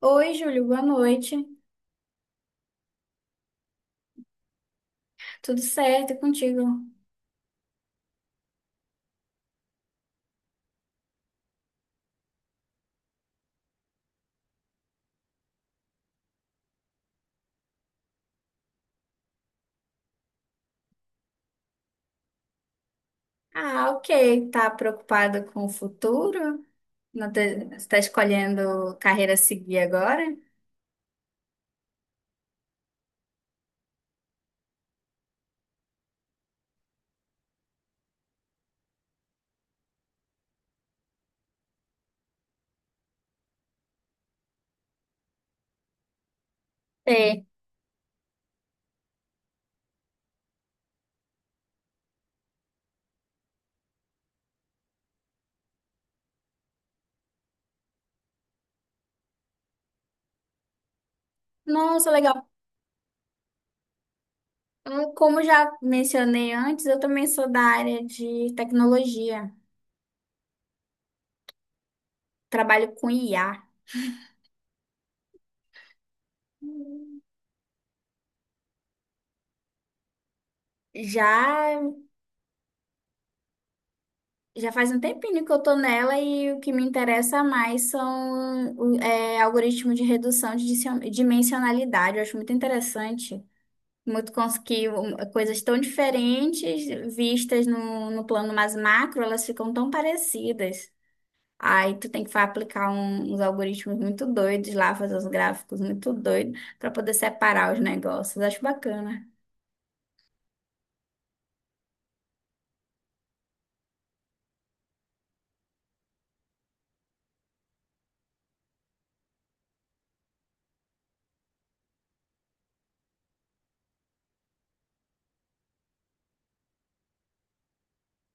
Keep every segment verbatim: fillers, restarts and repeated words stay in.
Oi, Júlio, boa noite. Tudo certo e contigo? Ah, ok. Tá preocupada com o futuro? Não te- Você está escolhendo carreira a seguir agora? É. Nossa, legal. Hum, Como já mencionei antes, eu também sou da área de tecnologia. Trabalho com I A. Já, já faz um tempinho que eu tô nela e o que me interessa mais são o- é, algoritmos de redução de dicio- dimensionalidade. Eu acho muito interessante. Muito conseguiu um, coisas tão diferentes vistas no, no plano mais macro, elas ficam tão parecidas. Aí tu tem que fa- aplicar um- uns algoritmos muito doidos lá, fazer uns gráficos muito doidos para poder separar os negócios. Acho bacana.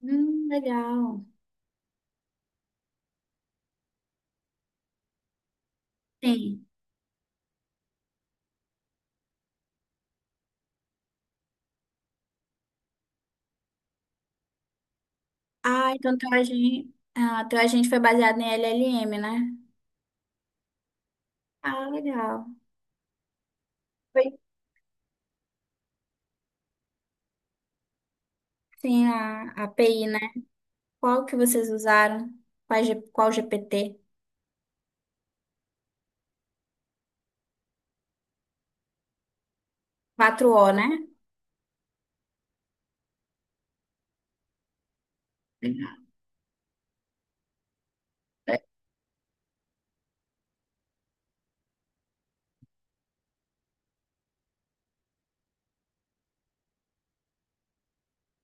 Hum, legal. Sim. Ah, então teu agente, ah, teu agente foi baseado em L L M, né? Ah, legal. Foi sim a, a API, né? Qual que vocês usaram? Qual, G- qual G P T? Quatro o, né? Legal.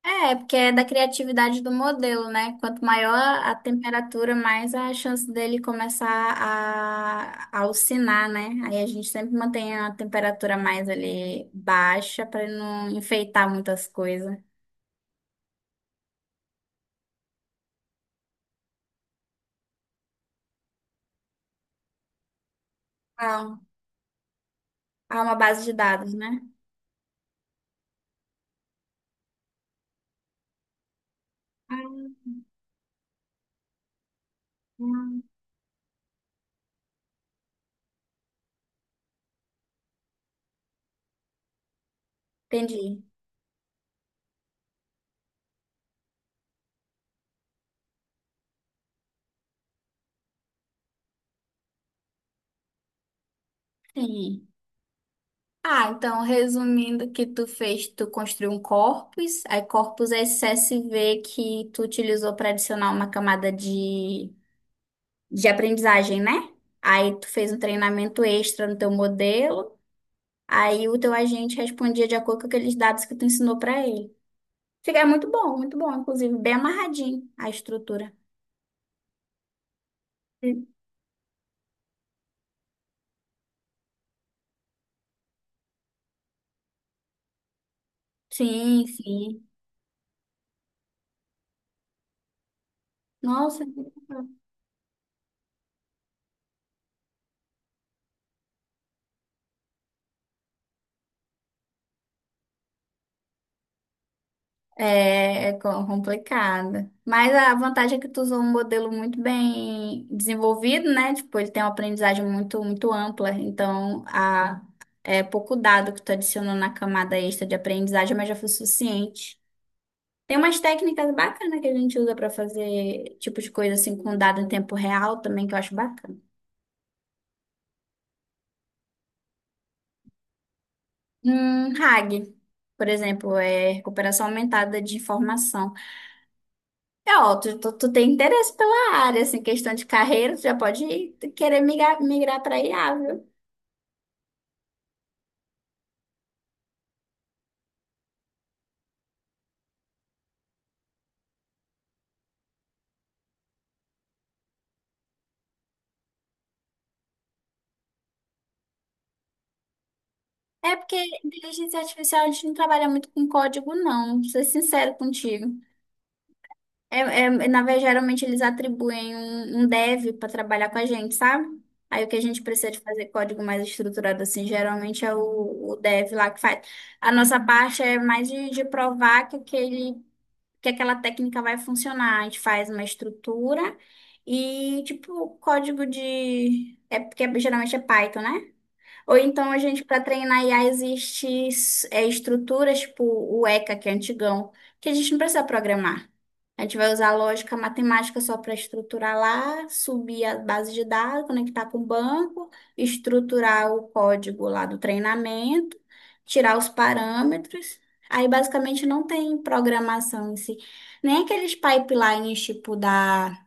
É, porque é da criatividade do modelo, né? Quanto maior a temperatura, mais a chance dele começar a, a alcinar, né? Aí a gente sempre mantém a temperatura mais ali baixa para não enfeitar muitas coisas. Ah, há uma base de dados, né? Ah, hum, entendi. Sim. Ah, então, resumindo o que tu fez, tu construiu um corpus, aí corpus é esse C S V que tu utilizou para adicionar uma camada de de aprendizagem, né? Aí tu fez um treinamento extra no teu modelo, aí o teu agente respondia de acordo com aqueles dados que tu ensinou para ele. Fica é muito bom, muito bom, inclusive, bem amarradinho a estrutura. Sim, sim. Nossa, é, é co- complicado. Mas a vantagem é que tu usou um modelo muito bem desenvolvido, né? Tipo, ele tem uma aprendizagem muito, muito ampla. Então, a, é pouco dado que tu adicionou na camada extra de aprendizagem, mas já foi suficiente. Tem umas técnicas bacanas que a gente usa para fazer tipo de coisa assim com dado em tempo real também que eu acho bacana. Hum, rag, por exemplo, é recuperação aumentada de informação. É, ó, tu, tu, tu tem interesse pela área, assim, questão de carreira, tu já pode querer migrar, migrar para I A, viu? É porque inteligência artificial a gente não trabalha muito com código, não. Vou ser sincero contigo. É, é, na verdade, geralmente eles atribuem um, um dev para trabalhar com a gente, sabe? Aí o que a gente precisa de fazer código mais estruturado assim, geralmente é o, o dev lá que faz. A nossa parte é mais de, de provar que aquele, que aquela técnica vai funcionar. A gente faz uma estrutura e tipo código de é porque geralmente é Python, né? Ou então a gente, para treinar I A, existe é, estruturas tipo o eca, que é antigão, que a gente não precisa programar. A gente vai usar a lógica matemática só para estruturar lá, subir a base de dados, conectar com o banco, estruturar o código lá do treinamento, tirar os parâmetros. Aí basicamente não tem programação em si. Nem aqueles pipelines tipo da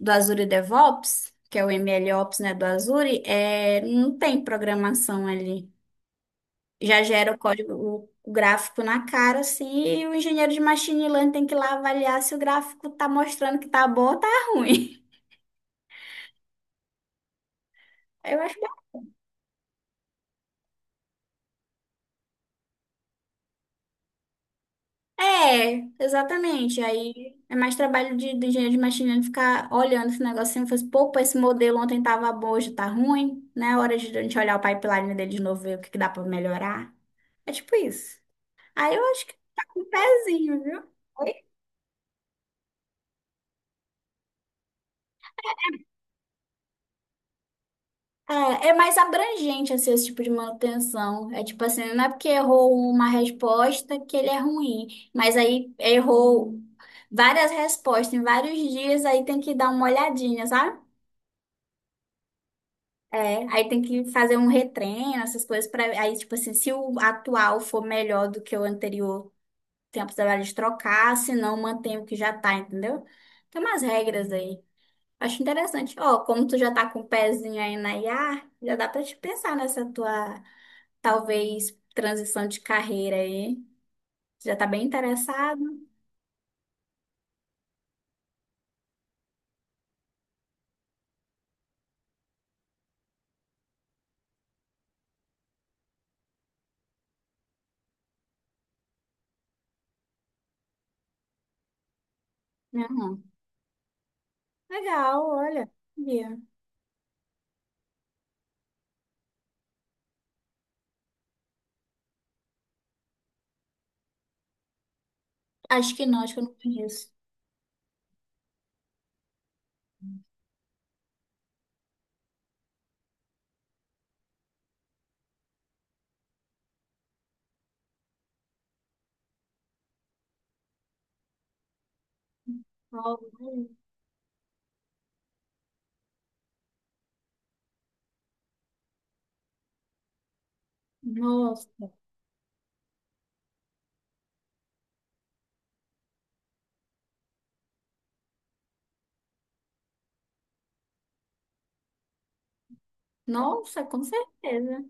do Azure DevOps, que é o MLOps, né, do Azure, é, não tem programação ali. Já gera o código, o gráfico na cara, assim, e o engenheiro de machine learning tem que ir lá avaliar se o gráfico tá mostrando que tá bom ou tá ruim. Eu acho que é, exatamente. Aí é mais trabalho de, do engenheiro de machine learning ficar olhando esse negocinho e falar assim, pô, pô, esse modelo ontem tava bom, hoje tá ruim, né? Hora de a gente olhar o pipeline dele de novo, ver o que que dá pra melhorar. É tipo isso. Aí eu acho que tá com um pezinho, viu? Oi? É, é mais abrangente assim, esse tipo de manutenção. É tipo assim, não é porque errou uma resposta que ele é ruim, mas aí errou várias respostas em vários dias, aí tem que dar uma olhadinha, sabe? É, aí tem que fazer um retreino, essas coisas para aí tipo assim, se o atual for melhor do que o anterior, tem a possibilidade de trocar, se não mantém o que já tá, entendeu? Tem umas regras aí. Acho interessante. Ó, como tu já tá com o pezinho aí na I A, já dá pra te pensar nessa tua, talvez, transição de carreira aí. Já tá bem interessado? Né? Legal, olha. Sabia. Acho que não, acho que eu não conheço. Ó, olha. Nossa, nossa, com certeza.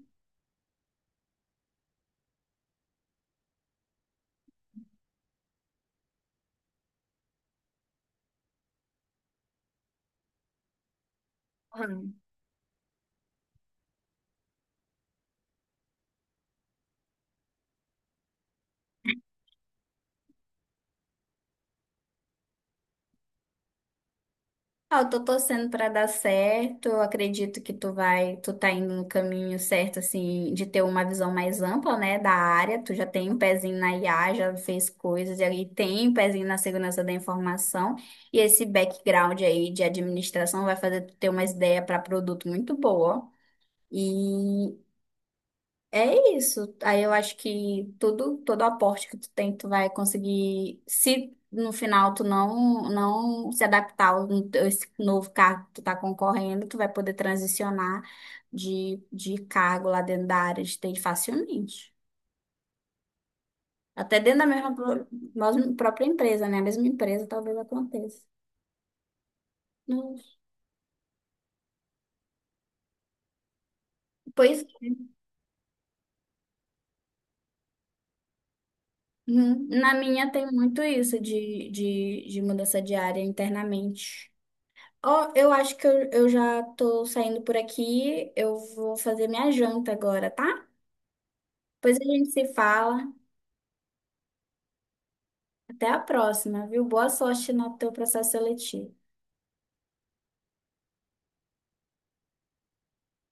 Ah, eu tô torcendo pra dar certo. Eu acredito que tu vai, tu tá indo no caminho certo, assim, de ter uma visão mais ampla, né, da área. Tu já tem um pezinho na I A, já fez coisas, e aí tem um pezinho na segurança da informação. E esse background aí de administração vai fazer tu ter uma ideia para produto muito boa. E é isso. Aí eu acho que tudo, todo aporte que tu tem, tu vai conseguir, se no final tu não, não se adaptar ao- a esse novo cargo que tu tá concorrendo, tu vai poder transicionar de, de cargo lá dentro da área de T I facilmente. Até dentro da mesma, pro- mesma própria empresa, né? A mesma empresa talvez aconteça. Não- Pois, uhum. Na minha tem muito isso de, de, de mudança de área internamente. Ó, eu acho que eu, eu já tô saindo por aqui. Eu vou fazer minha janta agora, tá? Depois a gente se fala. Até a próxima, viu? Boa sorte no teu processo seletivo.